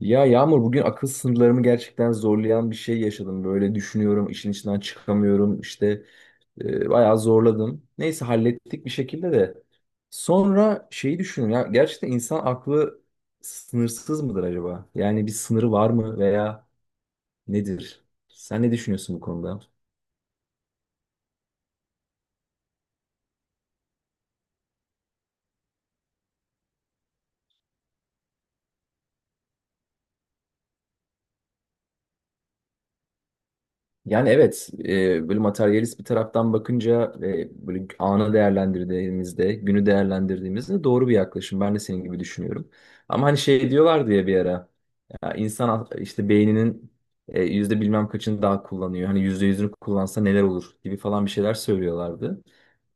Ya Yağmur bugün akıl sınırlarımı gerçekten zorlayan bir şey yaşadım. Böyle düşünüyorum, işin içinden çıkamıyorum. İşte bayağı zorladım. Neyse hallettik bir şekilde de. Sonra şeyi düşünün ya gerçekten insan aklı sınırsız mıdır acaba? Yani bir sınırı var mı veya nedir? Sen ne düşünüyorsun bu konuda? Yani evet, böyle materyalist bir taraftan bakınca böyle anı değerlendirdiğimizde, günü değerlendirdiğimizde doğru bir yaklaşım. Ben de senin gibi düşünüyorum. Ama hani şey diyorlar diye bir ara, ya insan işte beyninin yüzde bilmem kaçını daha kullanıyor. Hani yüzde yüzünü kullansa neler olur gibi falan bir şeyler söylüyorlardı.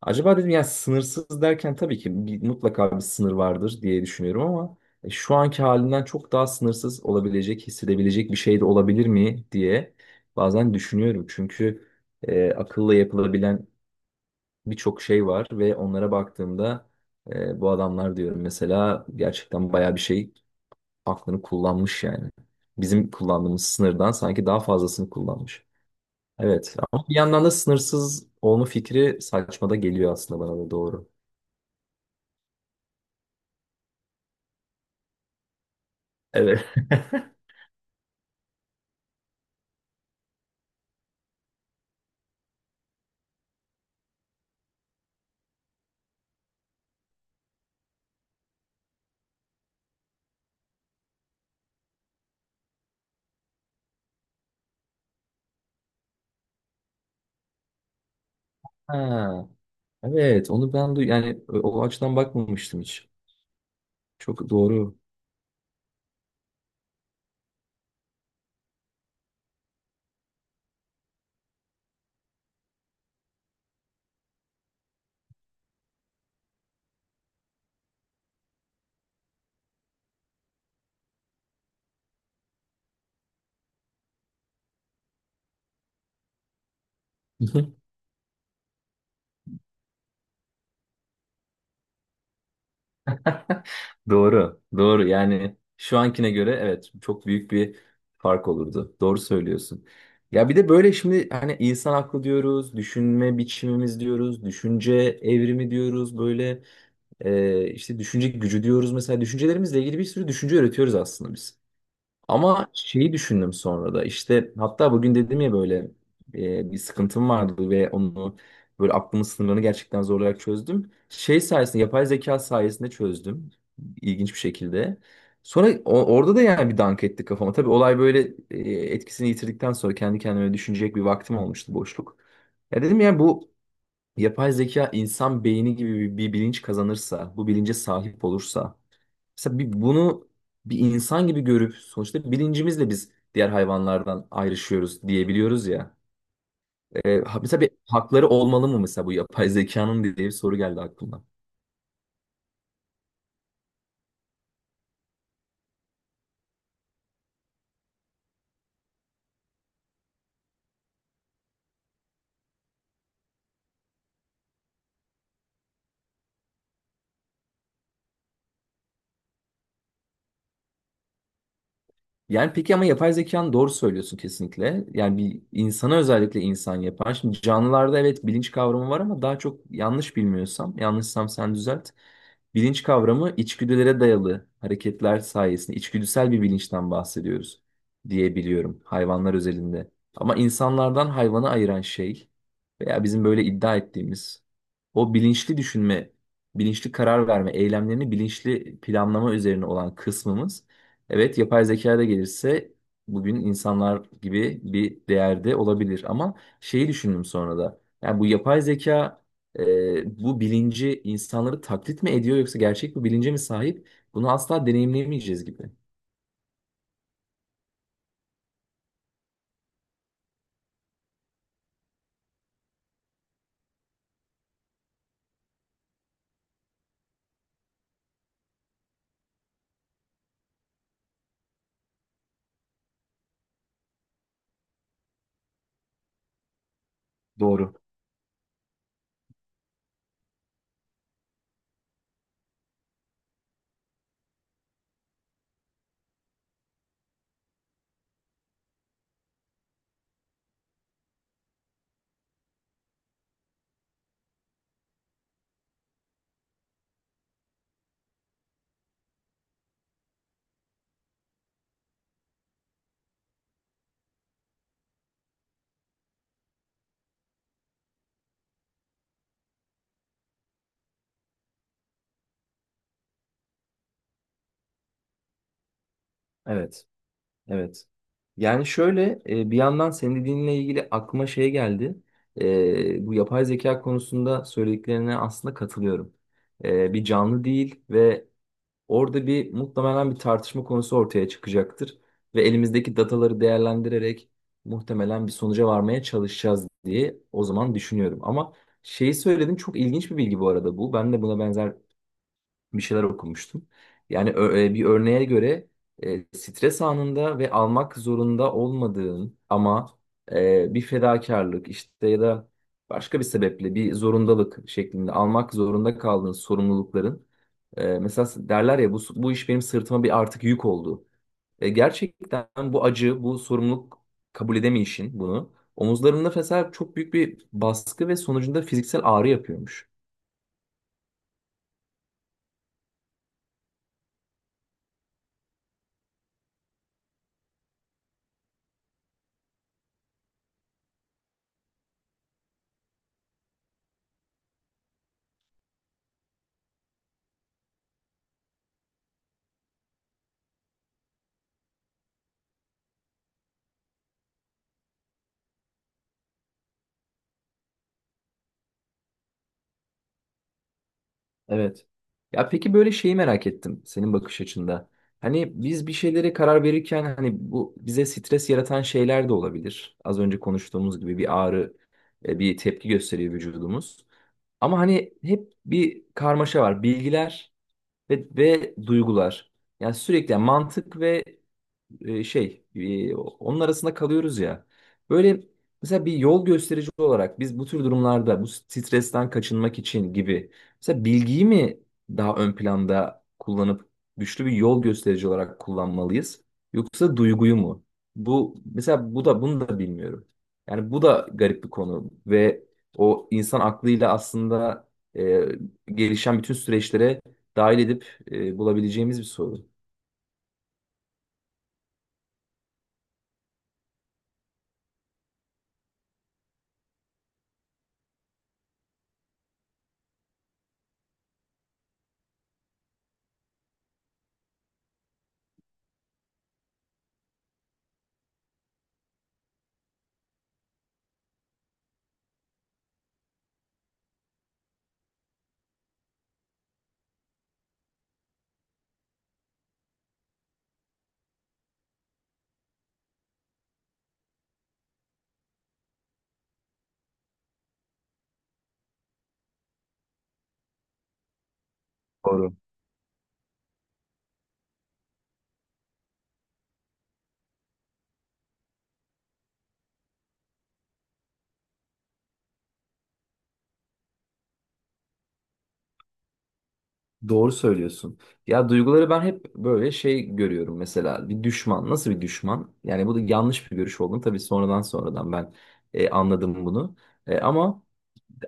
Acaba dedim ya sınırsız derken tabii ki bir, mutlaka bir sınır vardır diye düşünüyorum ama şu anki halinden çok daha sınırsız olabilecek, hissedebilecek bir şey de olabilir mi diye. Bazen düşünüyorum çünkü akılla yapılabilen birçok şey var ve onlara baktığımda bu adamlar diyorum mesela gerçekten bayağı bir şey aklını kullanmış yani. Bizim kullandığımız sınırdan sanki daha fazlasını kullanmış. Evet ama bir yandan da sınırsız olma fikri saçmada geliyor aslında bana da doğru. Evet. Ha, evet onu ben duy yani o açıdan bakmamıştım hiç. Çok doğru. Doğru, doğru. Yani şu ankine göre evet çok büyük bir fark olurdu. Doğru söylüyorsun. Ya bir de böyle şimdi hani insan aklı diyoruz, düşünme biçimimiz diyoruz, düşünce evrimi diyoruz, böyle işte düşünce gücü diyoruz. Mesela düşüncelerimizle ilgili bir sürü düşünce üretiyoruz aslında biz. Ama şeyi düşündüm sonra da işte hatta bugün dedim ya böyle bir sıkıntım vardı ve onu böyle aklımın sınırlarını gerçekten zorlayarak çözdüm. Şey sayesinde yapay zeka sayesinde çözdüm ilginç bir şekilde. Sonra orada da yani bir dank etti kafama. Tabii olay böyle etkisini yitirdikten sonra kendi kendime düşünecek bir vaktim olmuştu boşluk. Ya dedim ya bu yapay zeka insan beyni gibi bir bilinç kazanırsa, bu bilince sahip olursa mesela bir, bunu bir insan gibi görüp sonuçta bilincimizle biz diğer hayvanlardan ayrışıyoruz diyebiliyoruz ya. Mesela bir hakları olmalı mı mesela bu yapay zekanın diye bir soru geldi aklıma. Yani peki ama yapay zekanın doğru söylüyorsun kesinlikle. Yani bir insana özellikle insan yapar. Şimdi canlılarda evet bilinç kavramı var ama daha çok yanlış bilmiyorsam, yanlışsam sen düzelt. Bilinç kavramı içgüdülere dayalı hareketler sayesinde içgüdüsel bir bilinçten bahsediyoruz diye biliyorum hayvanlar özelinde. Ama insanlardan hayvanı ayıran şey veya bizim böyle iddia ettiğimiz o bilinçli düşünme, bilinçli karar verme, eylemlerini bilinçli planlama üzerine olan kısmımız evet yapay zeka da gelirse bugün insanlar gibi bir değerde olabilir ama şeyi düşündüm sonra da yani bu yapay zeka bu bilinci insanları taklit mi ediyor yoksa gerçek bir bilince mi sahip bunu asla deneyimleyemeyeceğiz gibi. Doğru. Evet. Evet. Yani şöyle bir yandan senin dediğinle ilgili aklıma şey geldi. Bu yapay zeka konusunda söylediklerine aslında katılıyorum. Bir canlı değil ve orada bir muhtemelen bir tartışma konusu ortaya çıkacaktır. Ve elimizdeki dataları değerlendirerek muhtemelen bir sonuca varmaya çalışacağız diye o zaman düşünüyorum. Ama şeyi söyledin çok ilginç bir bilgi bu arada bu. Ben de buna benzer bir şeyler okumuştum. Yani bir örneğe göre stres anında ve almak zorunda olmadığın ama bir fedakarlık işte ya da başka bir sebeple bir zorundalık şeklinde almak zorunda kaldığın sorumlulukların mesela derler ya bu, bu iş benim sırtıma bir artık yük oldu. Gerçekten bu acı, bu sorumluluk kabul edemeyişin bunu omuzlarında mesela çok büyük bir baskı ve sonucunda fiziksel ağrı yapıyormuş. Evet. Ya peki böyle şeyi merak ettim senin bakış açında. Hani biz bir şeylere karar verirken hani bu bize stres yaratan şeyler de olabilir. Az önce konuştuğumuz gibi bir ağrı, bir tepki gösteriyor vücudumuz. Ama hani hep bir karmaşa var. Bilgiler ve duygular. Yani sürekli yani mantık ve onun arasında kalıyoruz ya. Böyle mesela bir yol gösterici olarak biz bu tür durumlarda bu stresten kaçınmak için gibi mesela bilgiyi mi daha ön planda kullanıp güçlü bir yol gösterici olarak kullanmalıyız yoksa duyguyu mu? Bu mesela bu da bunu da bilmiyorum. Yani bu da garip bir konu ve o insan aklıyla aslında e, gelişen bütün süreçlere dahil edip bulabileceğimiz bir soru. Doğru. Doğru söylüyorsun. Ya duyguları ben hep böyle şey görüyorum mesela bir düşman nasıl bir düşman? Yani bu da yanlış bir görüş olduğunu tabii sonradan ben anladım bunu. Ama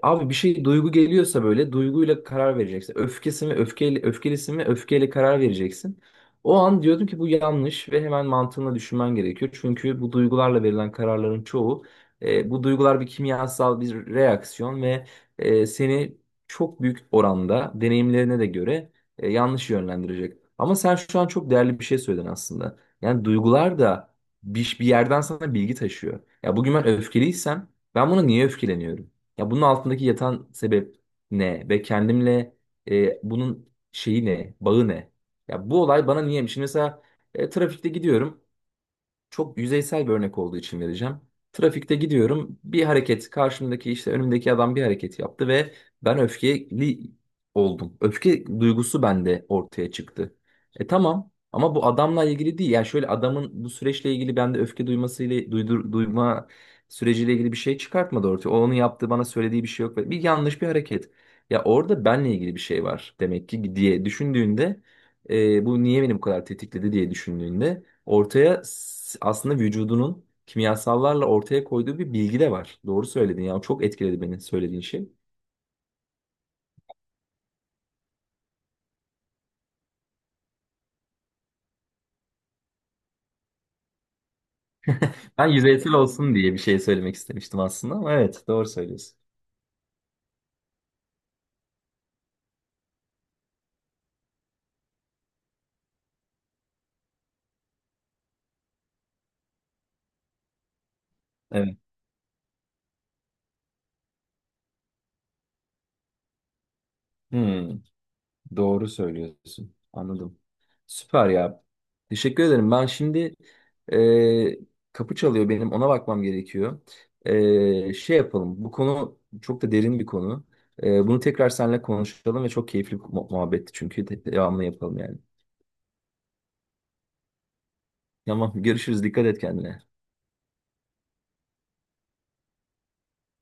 abi bir şey duygu geliyorsa böyle duyguyla karar vereceksin. Öfkesi mi öfkeyle öfkelisi mi öfkeyle karar vereceksin. O an diyordum ki bu yanlış ve hemen mantığına düşünmen gerekiyor. Çünkü bu duygularla verilen kararların çoğu bu duygular bir kimyasal bir reaksiyon ve seni çok büyük oranda deneyimlerine de göre yanlış yönlendirecek. Ama sen şu an çok değerli bir şey söyledin aslında. Yani duygular da bir yerden sana bilgi taşıyor. Ya bugün ben öfkeliysem ben buna niye öfkeleniyorum? Ya bunun altındaki yatan sebep ne ve kendimle bunun şeyi ne, bağı ne? Ya bu olay bana niyeymiş? Şimdi mesela trafikte gidiyorum çok yüzeysel bir örnek olduğu için vereceğim. Trafikte gidiyorum. Bir hareket karşımdaki işte önümdeki adam bir hareket yaptı ve ben öfkeli oldum. Öfke duygusu bende ortaya çıktı. E tamam ama bu adamla ilgili değil. Yani şöyle adamın bu süreçle ilgili bende öfke duymasıyla duydur, duyma süreciyle ilgili bir şey çıkartmadı ortaya. O onun yaptığı bana söylediği bir şey yok. Bir yanlış bir hareket. Ya orada benle ilgili bir şey var demek ki diye düşündüğünde bu niye beni bu kadar tetikledi diye düşündüğünde ortaya aslında vücudunun kimyasallarla ortaya koyduğu bir bilgi de var. Doğru söyledin ya. Çok etkiledi beni söylediğin şey. Ben yüzeysel olsun diye bir şey söylemek istemiştim aslında ama evet doğru söylüyorsun. Evet. Hmm, doğru söylüyorsun. Anladım. Süper ya. Teşekkür ederim. Ben şimdi kapı çalıyor benim. Ona bakmam gerekiyor. Şey yapalım. Bu konu çok da derin bir konu. Bunu tekrar seninle konuşalım ve çok keyifli bir muhabbetti çünkü. Devamlı yapalım yani. Tamam görüşürüz. Dikkat et kendine.